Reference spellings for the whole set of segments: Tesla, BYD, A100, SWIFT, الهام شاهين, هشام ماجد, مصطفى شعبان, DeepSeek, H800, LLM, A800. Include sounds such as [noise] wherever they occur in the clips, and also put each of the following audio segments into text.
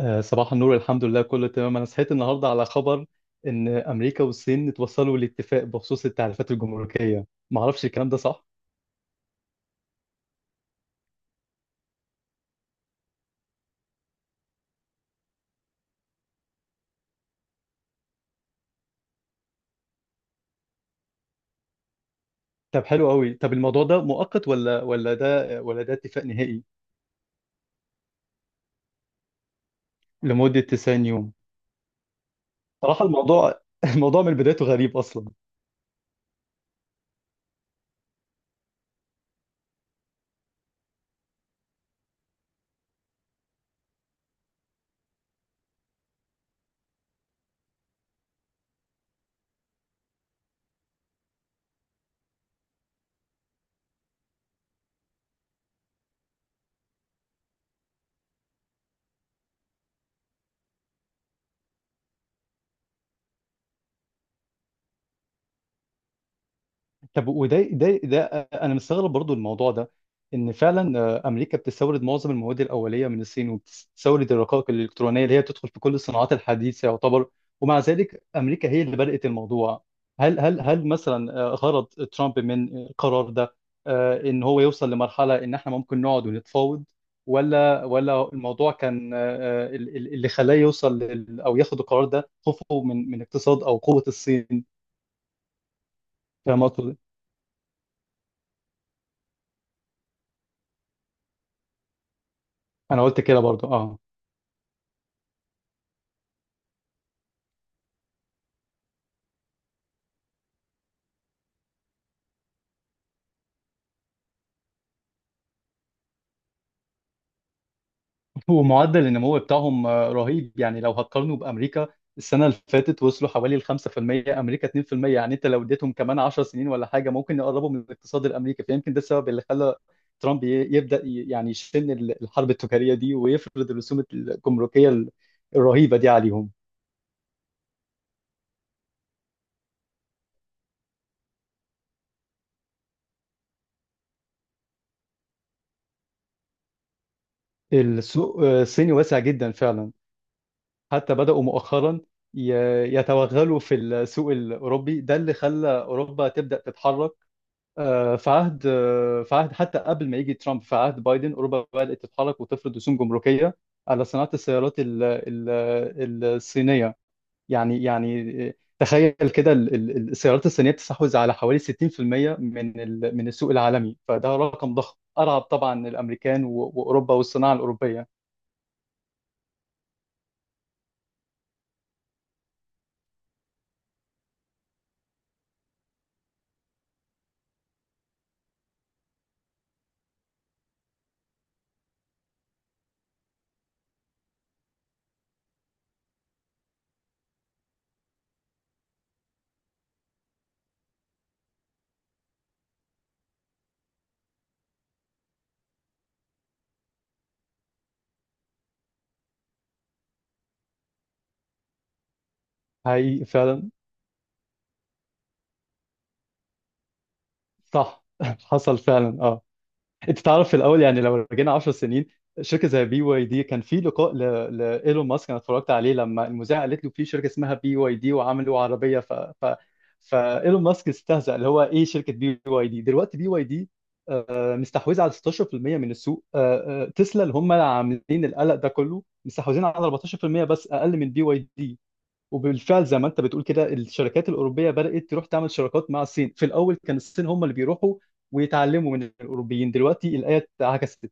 آه، صباح النور. الحمد لله كله تمام. انا صحيت النهارده على خبر ان امريكا والصين اتوصلوا لاتفاق بخصوص التعريفات الجمركيه. ما اعرفش الكلام ده صح. طب حلو قوي. طب الموضوع ده مؤقت ولا ده ولا ده اتفاق نهائي؟ لمده 90 يوم. صراحه الموضوع [laughs] الموضوع من بدايته غريب اصلا. طب وده ده ده انا مستغرب برضو الموضوع ده، ان فعلا امريكا بتستورد معظم المواد الاوليه من الصين، وبتستورد الرقائق الالكترونيه اللي هي بتدخل في كل الصناعات الحديثه يعتبر. ومع ذلك امريكا هي اللي بدات الموضوع. هل مثلا غرض ترامب من القرار ده ان هو يوصل لمرحله ان احنا ممكن نقعد ونتفاوض؟ ولا الموضوع كان اللي خلاه يوصل او ياخد القرار ده خوفه من اقتصاد او قوه الصين؟ فاهم أقصد إيه؟ انا قلت كده برضو، اه. ومعدل النمو بتاعهم رهيب، يعني لو هتقارنه بأمريكا، السنة اللي فاتت وصلوا حوالي ال 5%، أمريكا 2%. يعني أنت لو اديتهم كمان 10 سنين ولا حاجة ممكن يقربوا من الاقتصاد الأمريكي، فيمكن ده السبب اللي خلى ترامب يبدأ يعني يشن الحرب التجارية دي ويفرض الرسوم الجمركية الرهيبة دي عليهم. السوق الصيني واسع جدا فعلا. حتى بدأوا مؤخرا يتوغلوا في السوق الأوروبي، ده اللي خلى أوروبا تبدأ تتحرك. في عهد حتى قبل ما يجي ترامب، في عهد بايدن اوروبا بدات تتحرك وتفرض رسوم جمركيه على صناعه السيارات الصينيه. يعني تخيل كده، السيارات الصينيه بتستحوذ على حوالي 60% من من السوق العالمي، فده رقم ضخم ارعب طبعا الامريكان واوروبا والصناعه الاوروبيه. هي فعلا. صح. [laughs] حصل فعلا، اه. انت تعرف، في الاول يعني لو رجعنا 10 سنين، شركه زي بي واي دي كان في لقاء لايلون ماسك. انا اتفرجت عليه، لما المذيعه قالت له في شركه اسمها بي واي دي وعملوا عربيه، فايلون ماسك استهزأ اللي هو ايه شركه بي واي دي. دلوقتي بي واي دي مستحوذه على 16% من السوق، تسلا اللي هم اللي عاملين القلق ده كله مستحوذين على 14% بس، اقل من بي واي دي. وبالفعل زي ما انت بتقول كده، الشركات الاوروبيه بدات تروح تعمل شراكات مع الصين. في الاول كان الصين هم اللي بيروحوا ويتعلموا من الاوروبيين، دلوقتي الايه اتعكست.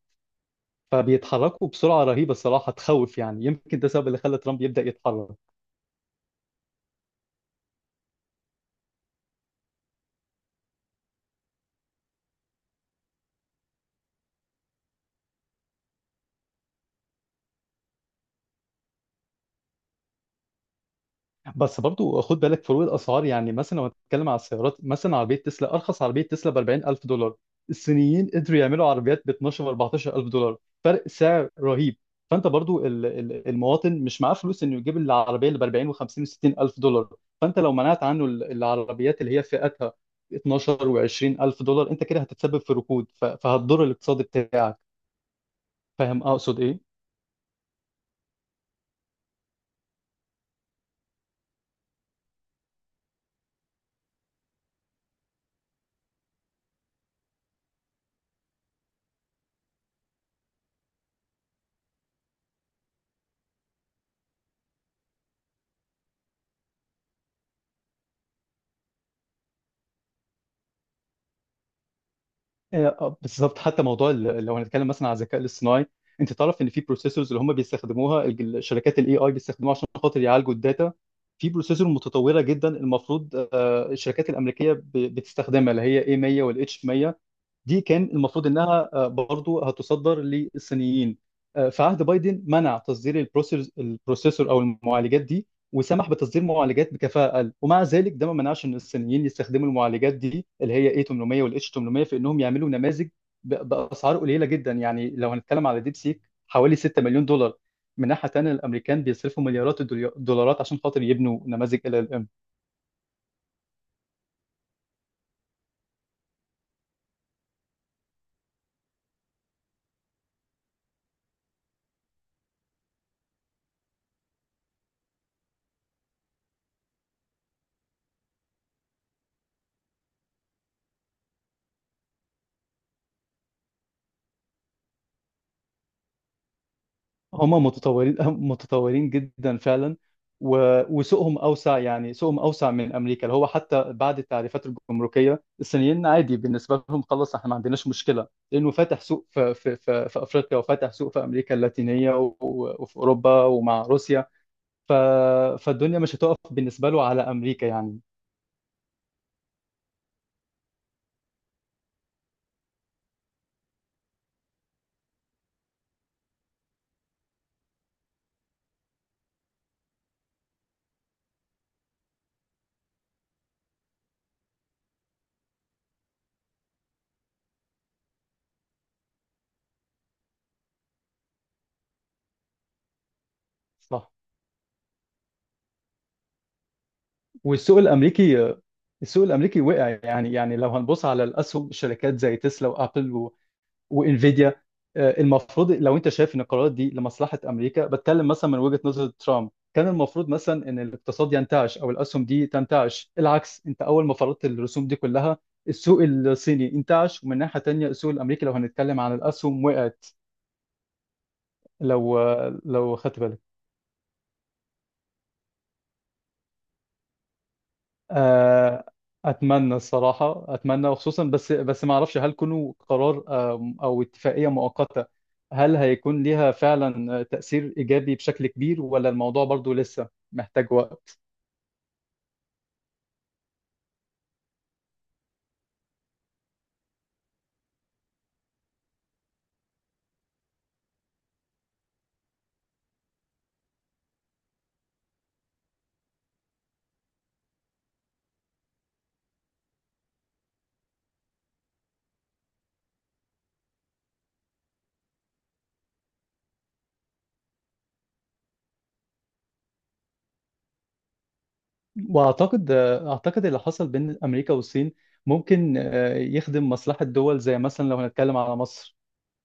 فبيتحركوا بسرعه رهيبه، الصراحه تخوف يعني، يمكن ده السبب اللي خلى ترامب يبدا يتحرك. بس برضو خد بالك فروق الاسعار، يعني مثلا لو هتتكلم على السيارات، مثلا عربيه تسلا، ارخص عربيه تسلا ب 40000 دولار، الصينيين قدروا يعملوا عربيات ب 12 و 14000 دولار. فرق سعر رهيب. فانت برضو المواطن مش معاه فلوس انه يجيب العربيه اللي ب 40 و 50 و 60000 دولار. فانت لو منعت عنه العربيات اللي هي فئتها 12 و 20000 دولار، انت كده هتتسبب في ركود، فهتضر الاقتصاد بتاعك. فاهم اقصد إيه؟ بالظبط. حتى موضوع لو هنتكلم مثلا على الذكاء الاصطناعي، انت تعرف ان في بروسيسورز اللي هم بيستخدموها، شركات الاي اي بيستخدموها عشان خاطر يعالجوا الداتا. في بروسيسور متطوره جدا المفروض الشركات الامريكيه بتستخدمها، اللي هي A100 والاتش 100. دي كان المفروض انها برضو هتصدر للصينيين. في عهد بايدن منع تصدير البروسيسور او المعالجات دي، وسمح بتصدير معالجات بكفاءة اقل. ومع ذلك ده ما منعش ان الصينيين يستخدموا المعالجات دي اللي هي A800 وال H800 في انهم يعملوا نماذج باسعار قليلة جدا. يعني لو هنتكلم على ديب سيك، حوالي 6 مليون دولار. من ناحية تانية الامريكان بيصرفوا مليارات الدولارات عشان خاطر يبنوا نماذج LLM. هم متطورين [laughs] متطورين جدا فعلا. وسوقهم اوسع، يعني سوقهم اوسع من امريكا، اللي هو حتى بعد التعريفات الجمركيه الصينيين عادي بالنسبه لهم، خلاص احنا ما عندناش مشكله، لانه فاتح سوق في افريقيا، وفاتح سوق في امريكا اللاتينيه، وفي اوروبا ومع روسيا. ف فالدنيا مش هتقف بالنسبه له على امريكا يعني. صح. والسوق الامريكي السوق الامريكي وقع. يعني لو هنبص على الاسهم شركات زي تسلا وابل وانفيديا، المفروض لو انت شايف ان القرارات دي لمصلحه امريكا، بتكلم مثلا من وجهه نظر ترامب، كان المفروض مثلا ان الاقتصاد ينتعش او الاسهم دي تنتعش. العكس، انت اول ما فرضت الرسوم دي كلها السوق الصيني انتعش، ومن ناحيه تانيه السوق الامريكي لو هنتكلم عن الاسهم وقعت. لو خدت بالك. آه، اتمنى الصراحه، اتمنى، وخصوصا بس ما اعرفش هل كونه قرار او اتفاقيه مؤقته هل هيكون ليها فعلا تاثير ايجابي بشكل كبير ولا الموضوع برضو لسه محتاج وقت؟ واعتقد آه، اعتقد اللي حصل بين امريكا والصين ممكن يخدم مصلحه دول، زي مثلا لو هنتكلم على مصر.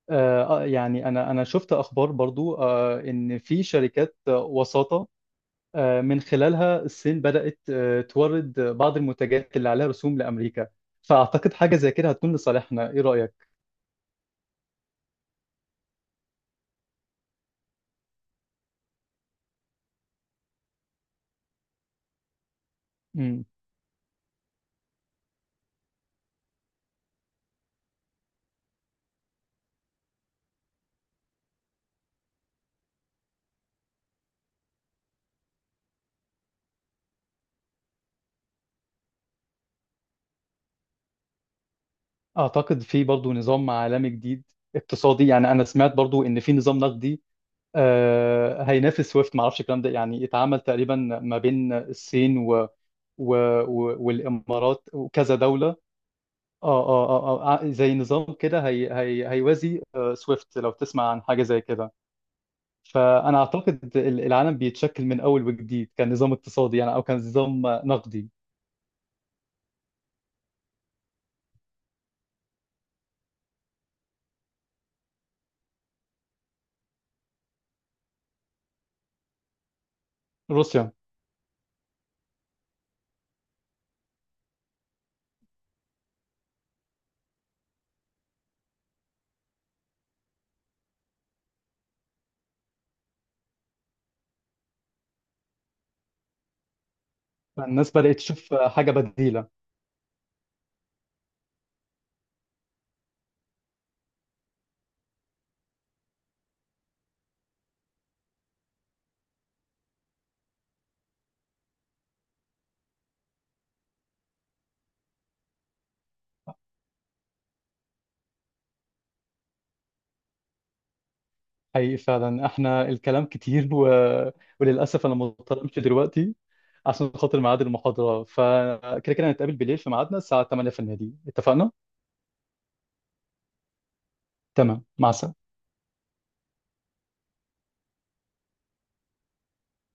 يعني انا شفت اخبار برضو ان في شركات وساطه، من خلالها الصين بدأت تورد بعض المنتجات اللي عليها رسوم لأمريكا. فأعتقد حاجة زي كده هتكون لصالحنا. إيه رأيك؟ مم. أعتقد في برضو نظام عالمي جديد اقتصادي يعني. أنا سمعت برضو إن في نظام نقدي هينافس سويفت، معرفش الكلام ده، يعني اتعمل تقريبا ما بين الصين و... والإمارات وكذا دولة. اه، اه، اه، زي نظام كده هيوازي سويفت، لو تسمع عن حاجة زي كده. فانا اعتقد العالم بيتشكل من اول وجديد، كان نظام اقتصادي يعني او كان نظام نقدي. روسيا. الناس بدات تشوف حاجه بديله. حقيقي فعلا احنا الكلام كتير، وللاسف انا مضطر امشي دلوقتي عشان خاطر ميعاد المحاضره. فكده كده هنتقابل بالليل في ميعادنا الساعه 8 في النادي، اتفقنا؟ تمام، مع السلامه.